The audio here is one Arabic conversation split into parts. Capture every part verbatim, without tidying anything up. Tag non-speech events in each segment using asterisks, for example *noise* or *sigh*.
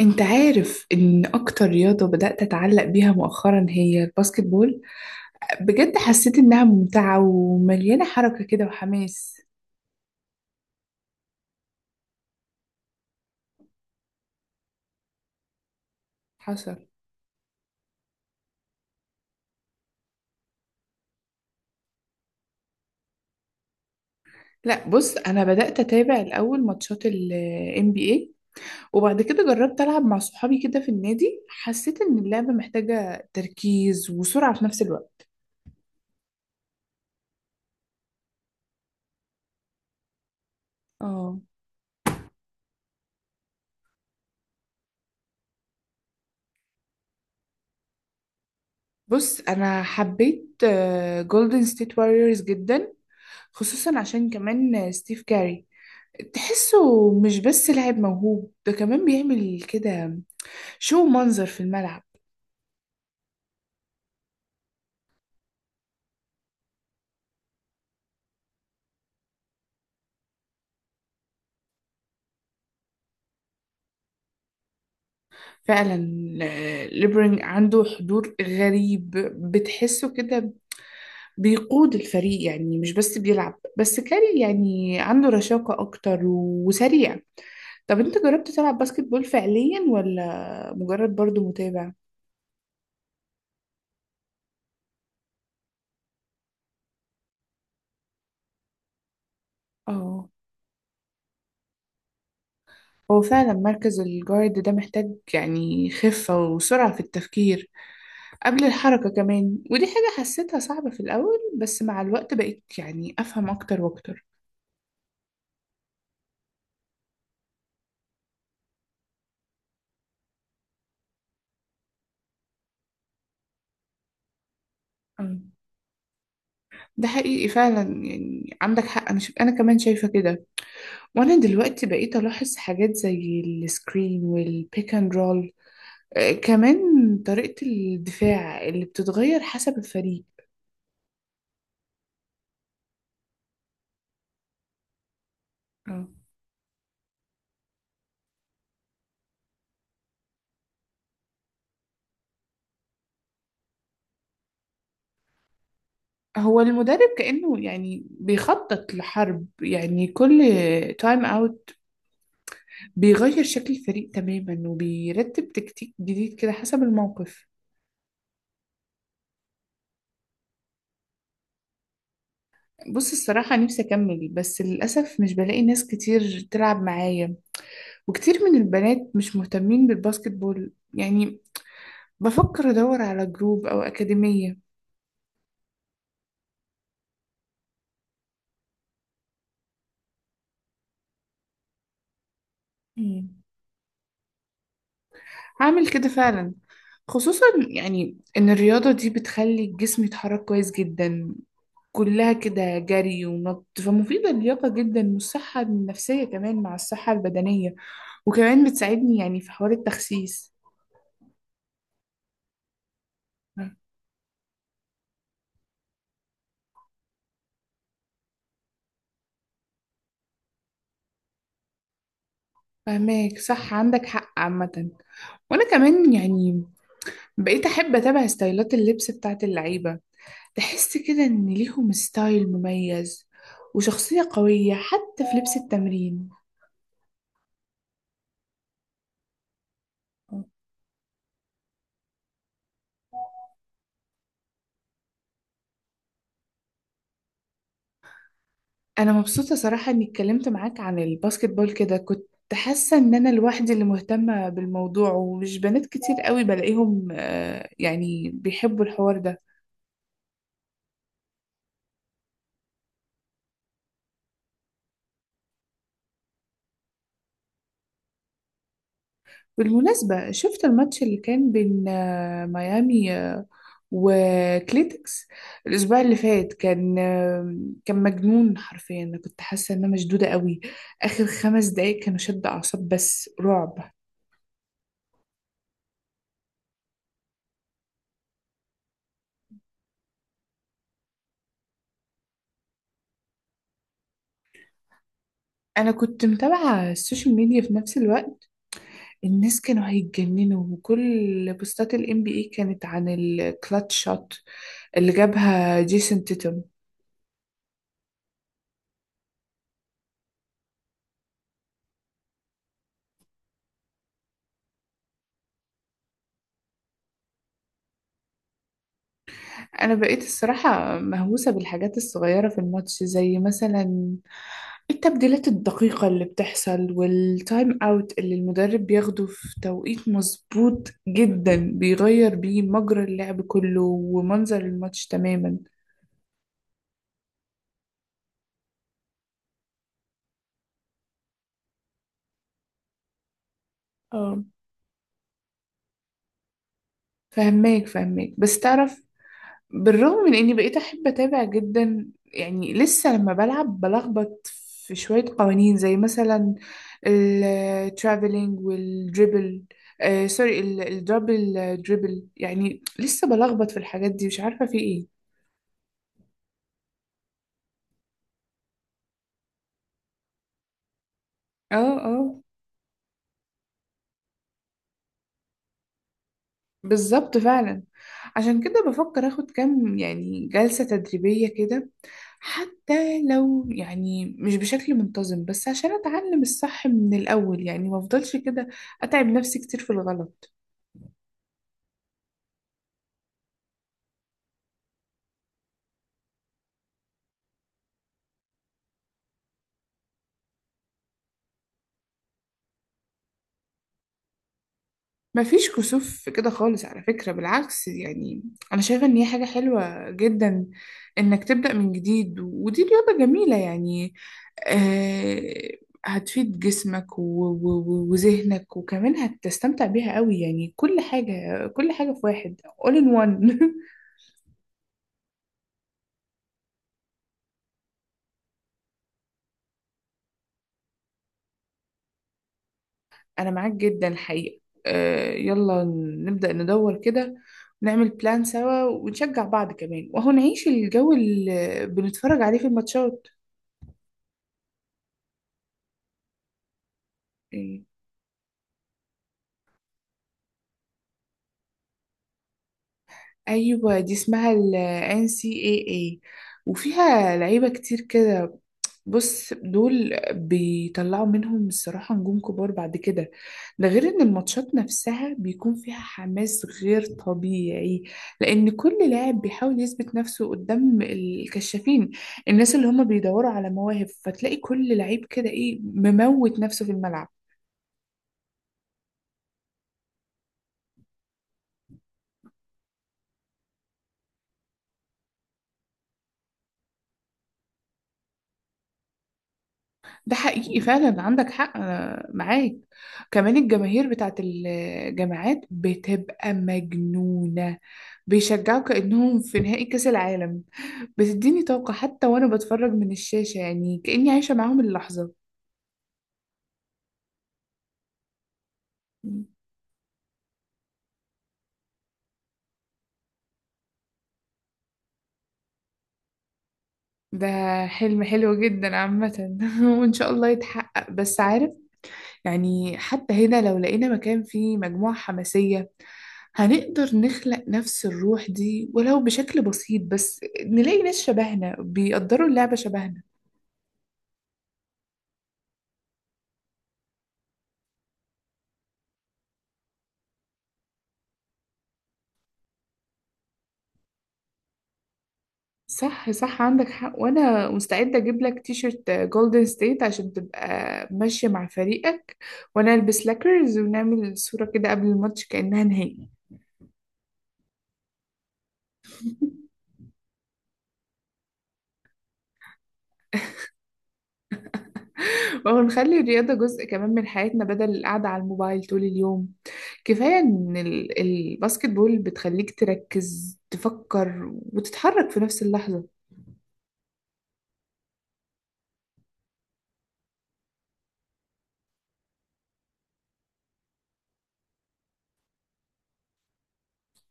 انت عارف ان اكتر رياضة بدأت اتعلق بيها مؤخرا هي الباسكت بول؟ بجد حسيت انها ممتعة ومليانة حركة كده وحماس. حصل. لا، بص انا بدأت اتابع الاول ماتشات ال إن بي إيه، وبعد كده جربت العب مع صحابي كده في النادي. حسيت ان اللعبة محتاجة تركيز وسرعة في نفس الوقت. اه. بص انا حبيت جولدن ستيت واريورز جدا، خصوصا عشان كمان آه، ستيف كاري. تحسه مش بس لاعب موهوب، ده كمان بيعمل كده شو منظر في الملعب. فعلا، آه، ليبرينج عنده حضور غريب. بتحسه كده بيقود الفريق، يعني مش بس بيلعب. بس كاري يعني عنده رشاقة أكتر وسريع. طب أنت جربت تلعب باسكت بول فعليا ولا مجرد برضو متابع؟ اه. هو فعلا مركز الجارد ده محتاج يعني خفة وسرعة في التفكير قبل الحركة كمان، ودي حاجة حسيتها صعبة في الأول، بس مع الوقت بقيت يعني أفهم أكتر وأكتر. مم. ده حقيقي فعلا، يعني عندك حق. أنا شف... أنا كمان شايفة كده. وأنا دلوقتي بقيت ألاحظ حاجات زي السكرين والبيك أند رول، آه كمان طريقة الدفاع اللي بتتغير حسب الفريق. اه. هو المدرب كأنه يعني بيخطط لحرب، يعني كل تايم اوت بيغير شكل الفريق تماما وبيرتب تكتيك جديد كده حسب الموقف. بص الصراحة نفسي أكمل، بس للأسف مش بلاقي ناس كتير تلعب معايا، وكتير من البنات مش مهتمين بالباسكت بول يعني. بفكر أدور على جروب أو أكاديمية. مم. هعمل كده فعلا، خصوصا يعني إن الرياضة دي بتخلي الجسم يتحرك كويس جدا. كلها كده جري ونط، فمفيدة اللياقة جدا والصحة النفسية كمان مع الصحة البدنية. وكمان بتساعدني يعني في حوار التخسيس. فهماك صح، عندك حق عامة. وانا كمان يعني بقيت احب اتابع ستايلات اللبس بتاعت اللعيبة. تحس كده ان ليهم ستايل مميز وشخصية قوية حتى في لبس التمرين. انا مبسوطة صراحة اني اتكلمت معاك عن الباسكت بول كده، كنت حاسة ان انا لوحدي اللي مهتمة بالموضوع، ومش بنات كتير قوي بلاقيهم آه، يعني بيحبوا الحوار ده. بالمناسبة، شفت الماتش اللي كان بين آه، ميامي آه، وكليتكس الاسبوع اللي فات؟ كان كان مجنون حرفيا. انا كنت حاسه ان انا مشدوده قوي اخر خمس دقايق. كانوا شد اعصاب، بس رعب. انا كنت متابعه السوشيال ميديا في نفس الوقت. الناس كانوا هيتجننوا، وكل بوستات الام بي اي كانت عن الكلاتش شوت اللي جابها جيسون تيتم. انا بقيت الصراحة مهووسة بالحاجات الصغيرة في الماتش، زي مثلا التبديلات الدقيقة اللي بتحصل والتايم اوت اللي المدرب بياخده في توقيت مظبوط جدا، بيغير بيه مجرى اللعب كله ومنظر الماتش تماما. اه. فهماك فهماك، بس تعرف، بالرغم من اني بقيت احب اتابع جدا، يعني لسه لما بلعب بلخبط في شوية قوانين، زي مثلا الترافلينج والدريبل، آه سوري، الدبل دريبل. يعني لسه بلخبط في الحاجات دي، مش عارفة في ايه. اه، اه، بالظبط فعلا. عشان كده بفكر اخد كام يعني جلسة تدريبية كده، حتى لو يعني مش بشكل منتظم، بس عشان اتعلم الصح من الاول، يعني ما افضلش كده اتعب نفسي كتير في الغلط. مفيش كسوف في كده خالص على فكرة، بالعكس يعني. أنا شايفة إن هي حاجة حلوة جدا إنك تبدأ من جديد، ودي رياضة جميلة يعني. آه هتفيد جسمك و- و- و- وذهنك، وكمان هتستمتع بيها قوي، يعني كل حاجة، كل حاجة في واحد. all in one *laughs* أنا معاك جدا الحقيقة. آه يلا، نبدأ ندور كده، ونعمل بلان سوا، ونشجع بعض كمان، وهو نعيش الجو اللي بنتفرج عليه في الماتشات. يعني ايوه، دي اسمها ال N C A A، وفيها لعيبة كتير كده. بص دول بيطلعوا منهم الصراحة نجوم كبار بعد كده. ده غير ان الماتشات نفسها بيكون فيها حماس غير طبيعي، لان كل لاعب بيحاول يثبت نفسه قدام الكشافين، الناس اللي هم بيدوروا على مواهب، فتلاقي كل لعيب كده ايه مموت نفسه في الملعب. ده حقيقي فعلا، عندك حق، أنا معاك. كمان الجماهير بتاعت الجامعات بتبقى مجنونة، بيشجعوا كأنهم في نهائي كأس العالم. بتديني طاقة حتى وأنا بتفرج من الشاشة، يعني كأني عايشة معاهم اللحظة. ده حلم حلو جدا عامة *laughs* وإن شاء الله يتحقق. بس عارف، يعني حتى هنا لو لقينا مكان فيه مجموعة حماسية، هنقدر نخلق نفس الروح دي، ولو بشكل بسيط، بس نلاقي ناس شبهنا بيقدروا اللعبة شبهنا. صح صح، عندك حق. وانا مستعدة اجيب لك تيشرت جولدن ستيت عشان تبقى ماشية مع فريقك، وانا البس لاكرز ونعمل صورة كده قبل الماتش كأنها نهائي. *laughs* ما هو نخلي الرياضة جزء كمان من حياتنا، بدل القعدة على الموبايل طول اليوم. كفاية إن ال- الباسكت بول بتخليك تركز، تفكر، وتتحرك في نفس اللحظة.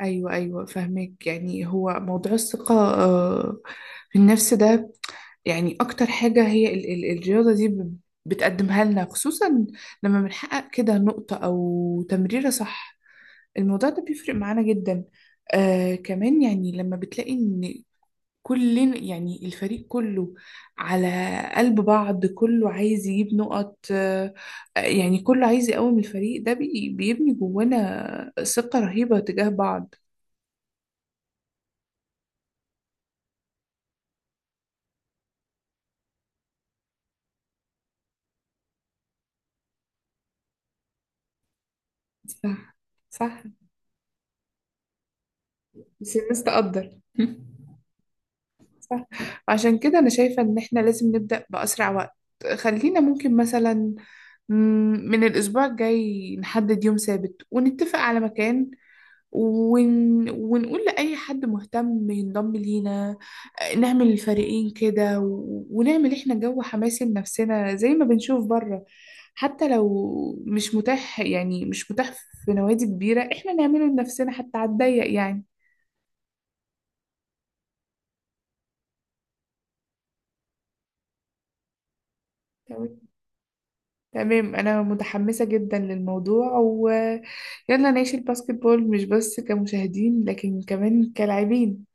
أيوة أيوة، فهمك. يعني هو موضوع الثقة آه، في النفس ده، يعني أكتر حاجة هي ال- ال- الرياضة دي ب- بتقدمها لنا، خصوصا لما بنحقق كده نقطة أو تمريرة صح، الموضوع ده بيفرق معانا جدا. آه كمان يعني لما بتلاقي إن كل يعني الفريق كله على قلب بعض، كله عايز يجيب نقط، آه، يعني كله عايز يقوم الفريق ده بي- بيبني جوانا ثقة رهيبة تجاه بعض. صح صح، بس الناس تقدر. *laughs* صح. عشان كده أنا شايفة إن إحنا لازم نبدأ بأسرع وقت. خلينا ممكن مثلا مم، من الأسبوع الجاي نحدد يوم ثابت ونتفق على مكان، ون... ونقول لأي حد مهتم ينضم لينا، آه، نعمل الفريقين كده و... ونعمل احنا جو حماسي لنفسنا زي ما بنشوف بره. حتى لو مش متاح يعني مش متاح في نوادي كبيرة، احنا نعمله لنفسنا حتى على الضيق يعني. تمام، تمام، أنا متحمسة جدا للموضوع، ويلا نعيش الباسكت بول مش بس كمشاهدين، لكن كمان كلاعبين.